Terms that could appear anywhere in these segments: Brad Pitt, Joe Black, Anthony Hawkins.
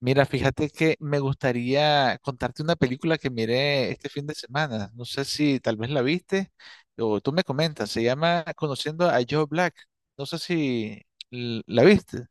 Mira, fíjate que me gustaría contarte una película que miré este fin de semana. No sé si tal vez la viste o tú me comentas. Se llama Conociendo a Joe Black. No sé si la viste.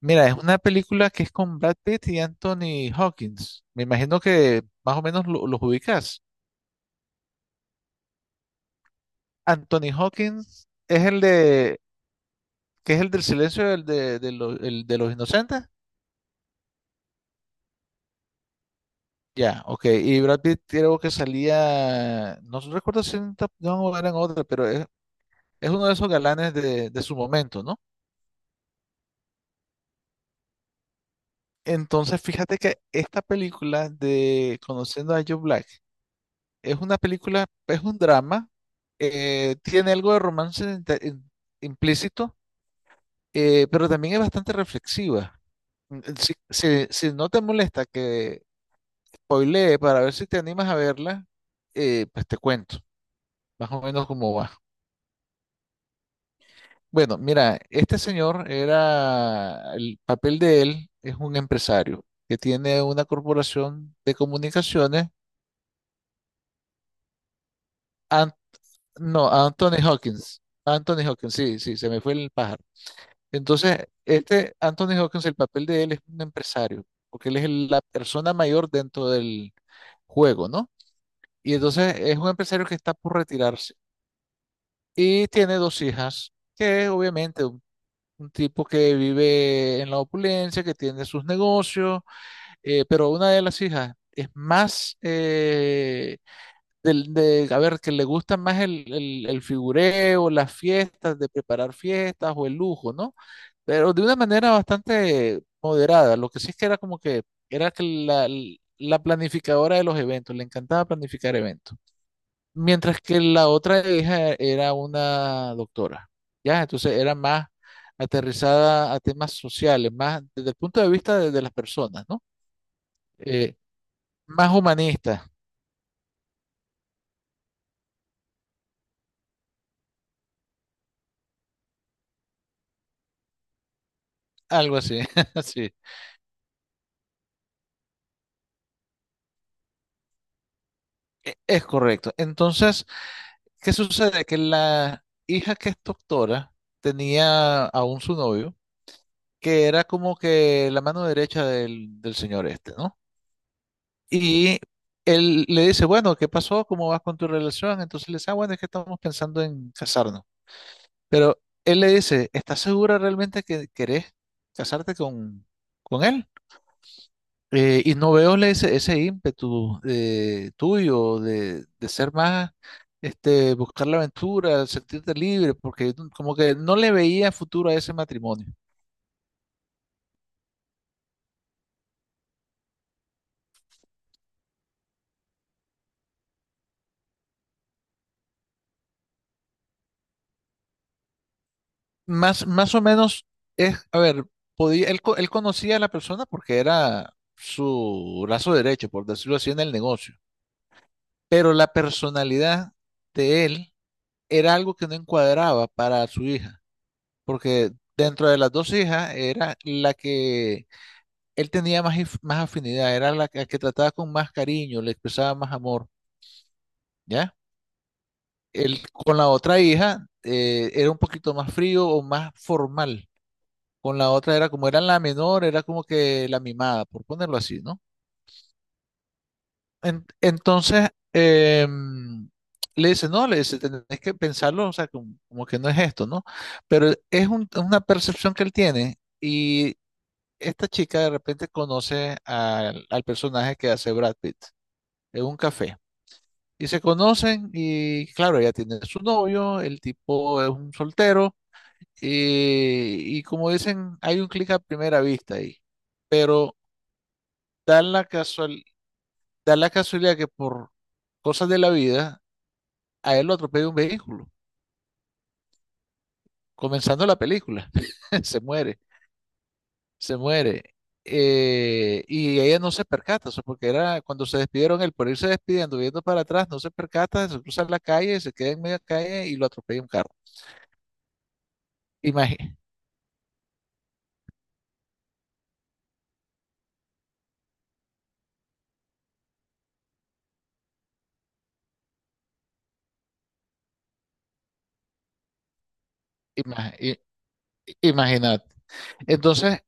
Mira, es una película que es con Brad Pitt y Anthony Hawkins. Me imagino que más o menos los ubicas. Anthony Hawkins es el que es el del silencio el de los inocentes. Ya, ok. Y Brad Pitt creo que salía, no recuerdo si en Top Gun o era en otra, pero es uno de esos galanes de su momento, ¿no? Entonces, fíjate que esta película de Conociendo a Joe Black es una es un drama, tiene algo de romance implícito, pero también es bastante reflexiva. Si no te molesta que spoilee para ver si te animas a verla, pues te cuento más o menos cómo va. Bueno, mira, este señor el papel de él es un empresario que tiene una corporación de comunicaciones. An- no, Anthony Hawkins, Anthony Hawkins, sí, sí, se me fue el pájaro. Entonces, este Anthony Hawkins, el papel de él es un empresario, porque él es la persona mayor dentro del juego, ¿no? Y entonces es un empresario que está por retirarse y tiene dos hijas, que obviamente un tipo que vive en la opulencia, que tiene sus negocios. Pero una de las hijas es más a ver, que le gusta más el figureo, las fiestas, de preparar fiestas o el lujo, ¿no? Pero de una manera bastante moderada. Lo que sí es que era como que era la planificadora de los eventos, le encantaba planificar eventos. Mientras que la otra hija era una doctora, ¿ya? Entonces era más aterrizada a temas sociales, más desde el punto de vista de las personas, ¿no? Eh, más humanista, algo así, sí, es correcto. Entonces, ¿qué sucede? Que la hija que es doctora tenía aún su novio, que era como que la mano derecha del señor este, ¿no? Y él le dice, bueno, ¿qué pasó? ¿Cómo vas con tu relación? Entonces le dice, ah, bueno, es que estamos pensando en casarnos. Pero él le dice, ¿estás segura realmente que querés casarte con él? Y no veo ese ímpetu tuyo de ser más, este, buscar la aventura, sentirte libre, porque como que no le veía futuro a ese matrimonio. Más, más o menos es, a ver, podía, él, él conocía a la persona porque era su brazo derecho, por decirlo así, en el negocio, pero la personalidad de él era algo que no encuadraba para su hija, porque dentro de las dos hijas era la que él tenía más afinidad, era la que trataba con más cariño, le expresaba más amor, ¿ya? Él con la otra hija era un poquito más frío o más formal. Con la otra era como era la menor, era como que la mimada, por ponerlo así, ¿no? Entonces, le dice, no, le dice, tenés que pensarlo, o sea, como, como que no es esto, ¿no? Pero es una percepción que él tiene y esta chica de repente conoce al personaje que hace Brad Pitt en un café. Y se conocen y claro, ella tiene su novio, el tipo es un soltero y como dicen, hay un clic a primera vista ahí. Pero da la casual, da la casualidad que por cosas de la vida a él lo atropella un vehículo, comenzando la película. Se se muere. Y ella no se percata, o sea, porque era cuando se despidieron, él por irse despidiendo, viendo para atrás, no se percata, se cruza la calle, se queda en media calle y lo atropella un carro. Imagínate. Imagínate. Entonces,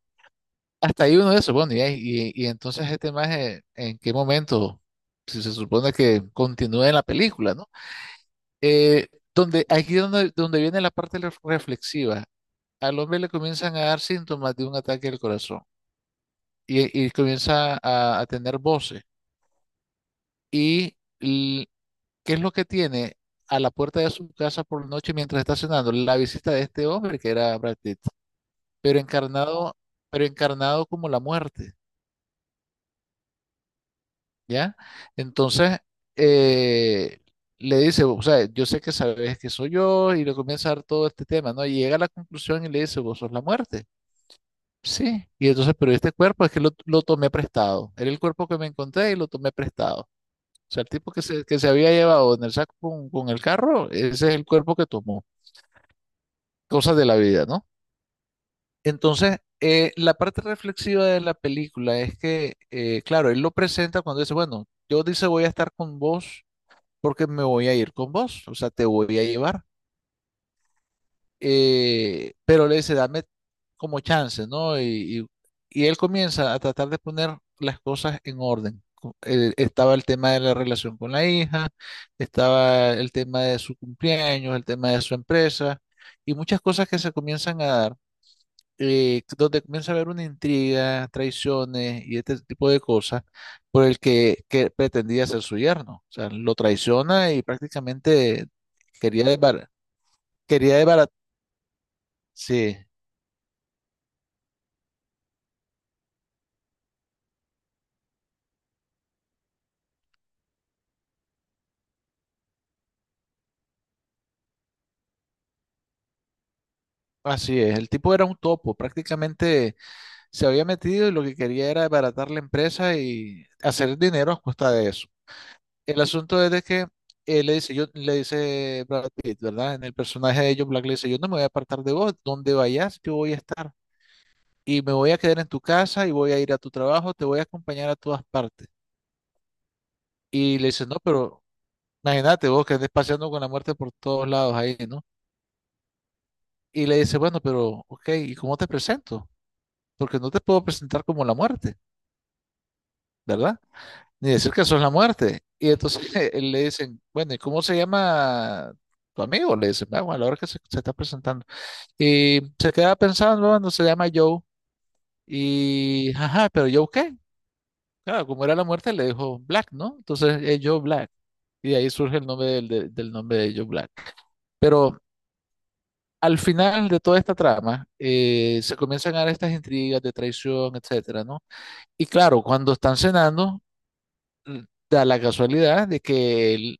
hasta ahí uno se supone, ya, y entonces este maje, ¿en qué momento? Si se supone que continúa en la película, ¿no? Eh, donde viene la parte reflexiva. Al hombre le comienzan a dar síntomas de un ataque al corazón y comienza a tener voces. ¿Y qué es lo que tiene a la puerta de su casa por la noche mientras está cenando? La visita de este hombre que era Brad Pitt, pero encarnado, pero encarnado como la muerte. ¿Ya? Entonces, eh, le dice, o sea, yo sé que sabes que soy yo, y le comienza a dar todo este tema, ¿no? Y llega a la conclusión y le dice, vos sos la muerte. Sí, y entonces, pero este cuerpo es que lo tomé prestado. Era el cuerpo que me encontré y lo tomé prestado. O sea, el tipo que se había llevado en el saco con el carro, ese es el cuerpo que tomó. Cosas de la vida, ¿no? Entonces, la parte reflexiva de la película es que, claro, él lo presenta cuando dice, bueno, yo dice voy a estar con vos porque me voy a ir con vos, o sea, te voy a llevar. Pero le dice, dame como chance, ¿no? Y él comienza a tratar de poner las cosas en orden. Estaba el tema de la relación con la hija, estaba el tema de su cumpleaños, el tema de su empresa y muchas cosas que se comienzan a dar donde comienza a haber una intriga, traiciones y este tipo de cosas por que pretendía ser su yerno. O sea, lo traiciona y prácticamente quería desbaratar. Quería desbarat- Sí, así es. El tipo era un topo. Prácticamente se había metido y lo que quería era desbaratar la empresa y hacer dinero a costa de eso. El asunto es de que él le dice, yo, le dice Brad Pitt, ¿verdad? En el personaje de John Black le dice, yo no me voy a apartar de vos, donde vayas, yo voy a estar. Y me voy a quedar en tu casa y voy a ir a tu trabajo, te voy a acompañar a todas partes. Y le dice, no, pero imagínate vos que andes paseando con la muerte por todos lados ahí, ¿no? Y le dice, bueno, pero, ok, ¿y cómo te presento? Porque no te puedo presentar como la muerte, ¿verdad? Ni decir que sos la muerte. Y entonces él le dicen, bueno, ¿y cómo se llama tu amigo? Le dicen, ah, bueno, a la hora se está presentando. Y se queda pensando, bueno, se llama Joe. Y, ajá, ¿pero Joe qué? Claro, como era la muerte, le dijo Black, ¿no? Entonces, es Joe Black. Y de ahí surge el nombre del nombre de Joe Black. Pero al final de toda esta trama, se comienzan a dar estas intrigas de traición, etcétera, ¿no? Y claro, cuando están cenando, mm, da la casualidad de que él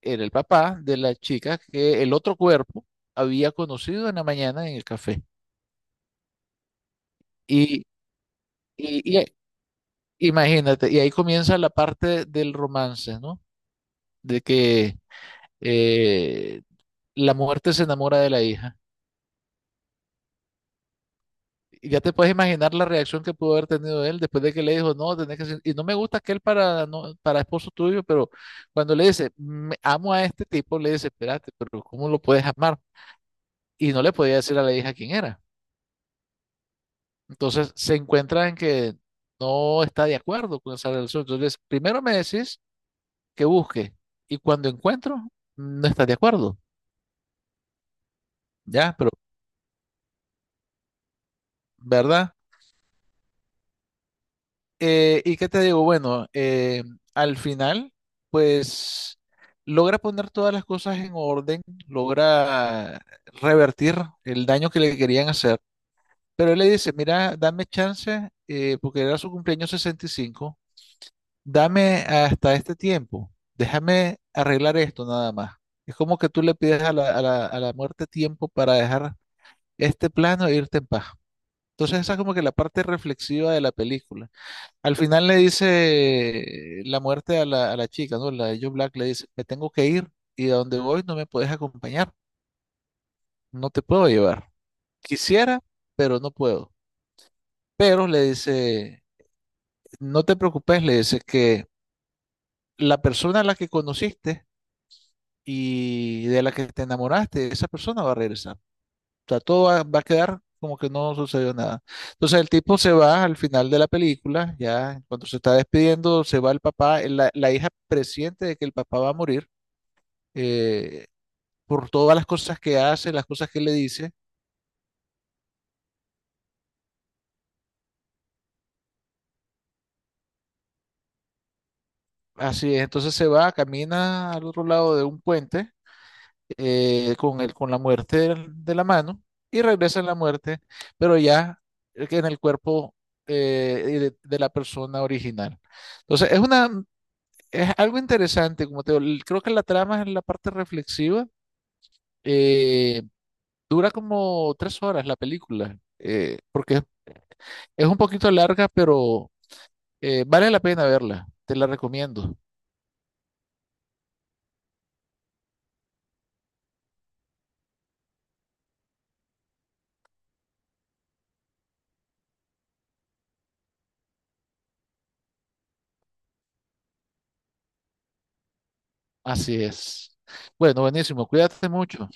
era el papá de la chica que el otro cuerpo había conocido en la mañana en el café. Y, y imagínate, y ahí comienza la parte del romance, ¿no? De que eh, la muerte se enamora de la hija. Y ya te puedes imaginar la reacción que pudo haber tenido él después de que le dijo, no, tenés que ser-. Y no me gusta aquel para, no, para esposo tuyo, pero cuando le dice, Me- amo a este tipo, le dice, espérate, pero ¿cómo lo puedes amar? Y no le podía decir a la hija quién era. Entonces se encuentra en que no está de acuerdo con esa relación. Entonces, primero me decís que busque y cuando encuentro, no estás de acuerdo, ¿ya? Pero, ¿verdad? ¿Y qué te digo? Bueno, al final, pues logra poner todas las cosas en orden, logra revertir el daño que le querían hacer. Pero él le dice, mira, dame chance, porque era su cumpleaños 65, dame hasta este tiempo, déjame arreglar esto nada más. Es como que tú le pides a a la muerte tiempo para dejar este plano e irte en paz. Entonces esa es como que la parte reflexiva de la película al final le dice la muerte a a la chica, ¿no? La de Joe Black le dice, me tengo que ir y a donde voy no me puedes acompañar, no te puedo llevar. Quisiera, pero no puedo. Pero le dice, no te preocupes, le dice que la persona a la que conociste y de la que te enamoraste, esa persona va a regresar. O sea, todo va a quedar como que no sucedió nada. Entonces el tipo se va al final de la película, ya cuando se está despidiendo, se va el papá, la hija presiente de que el papá va a morir eh, por todas las cosas que hace, las cosas que le dice. Así es, entonces se va, camina al otro lado de un puente con la muerte de la mano y regresa en la muerte, pero ya que en el cuerpo de la persona original. Entonces es es algo interesante, como te digo, el- creo que la trama es la parte reflexiva. Eh, dura como 3 horas la película, porque es un poquito larga, pero eh, vale la pena verla, te la recomiendo. Así es. Bueno, buenísimo, cuídate mucho.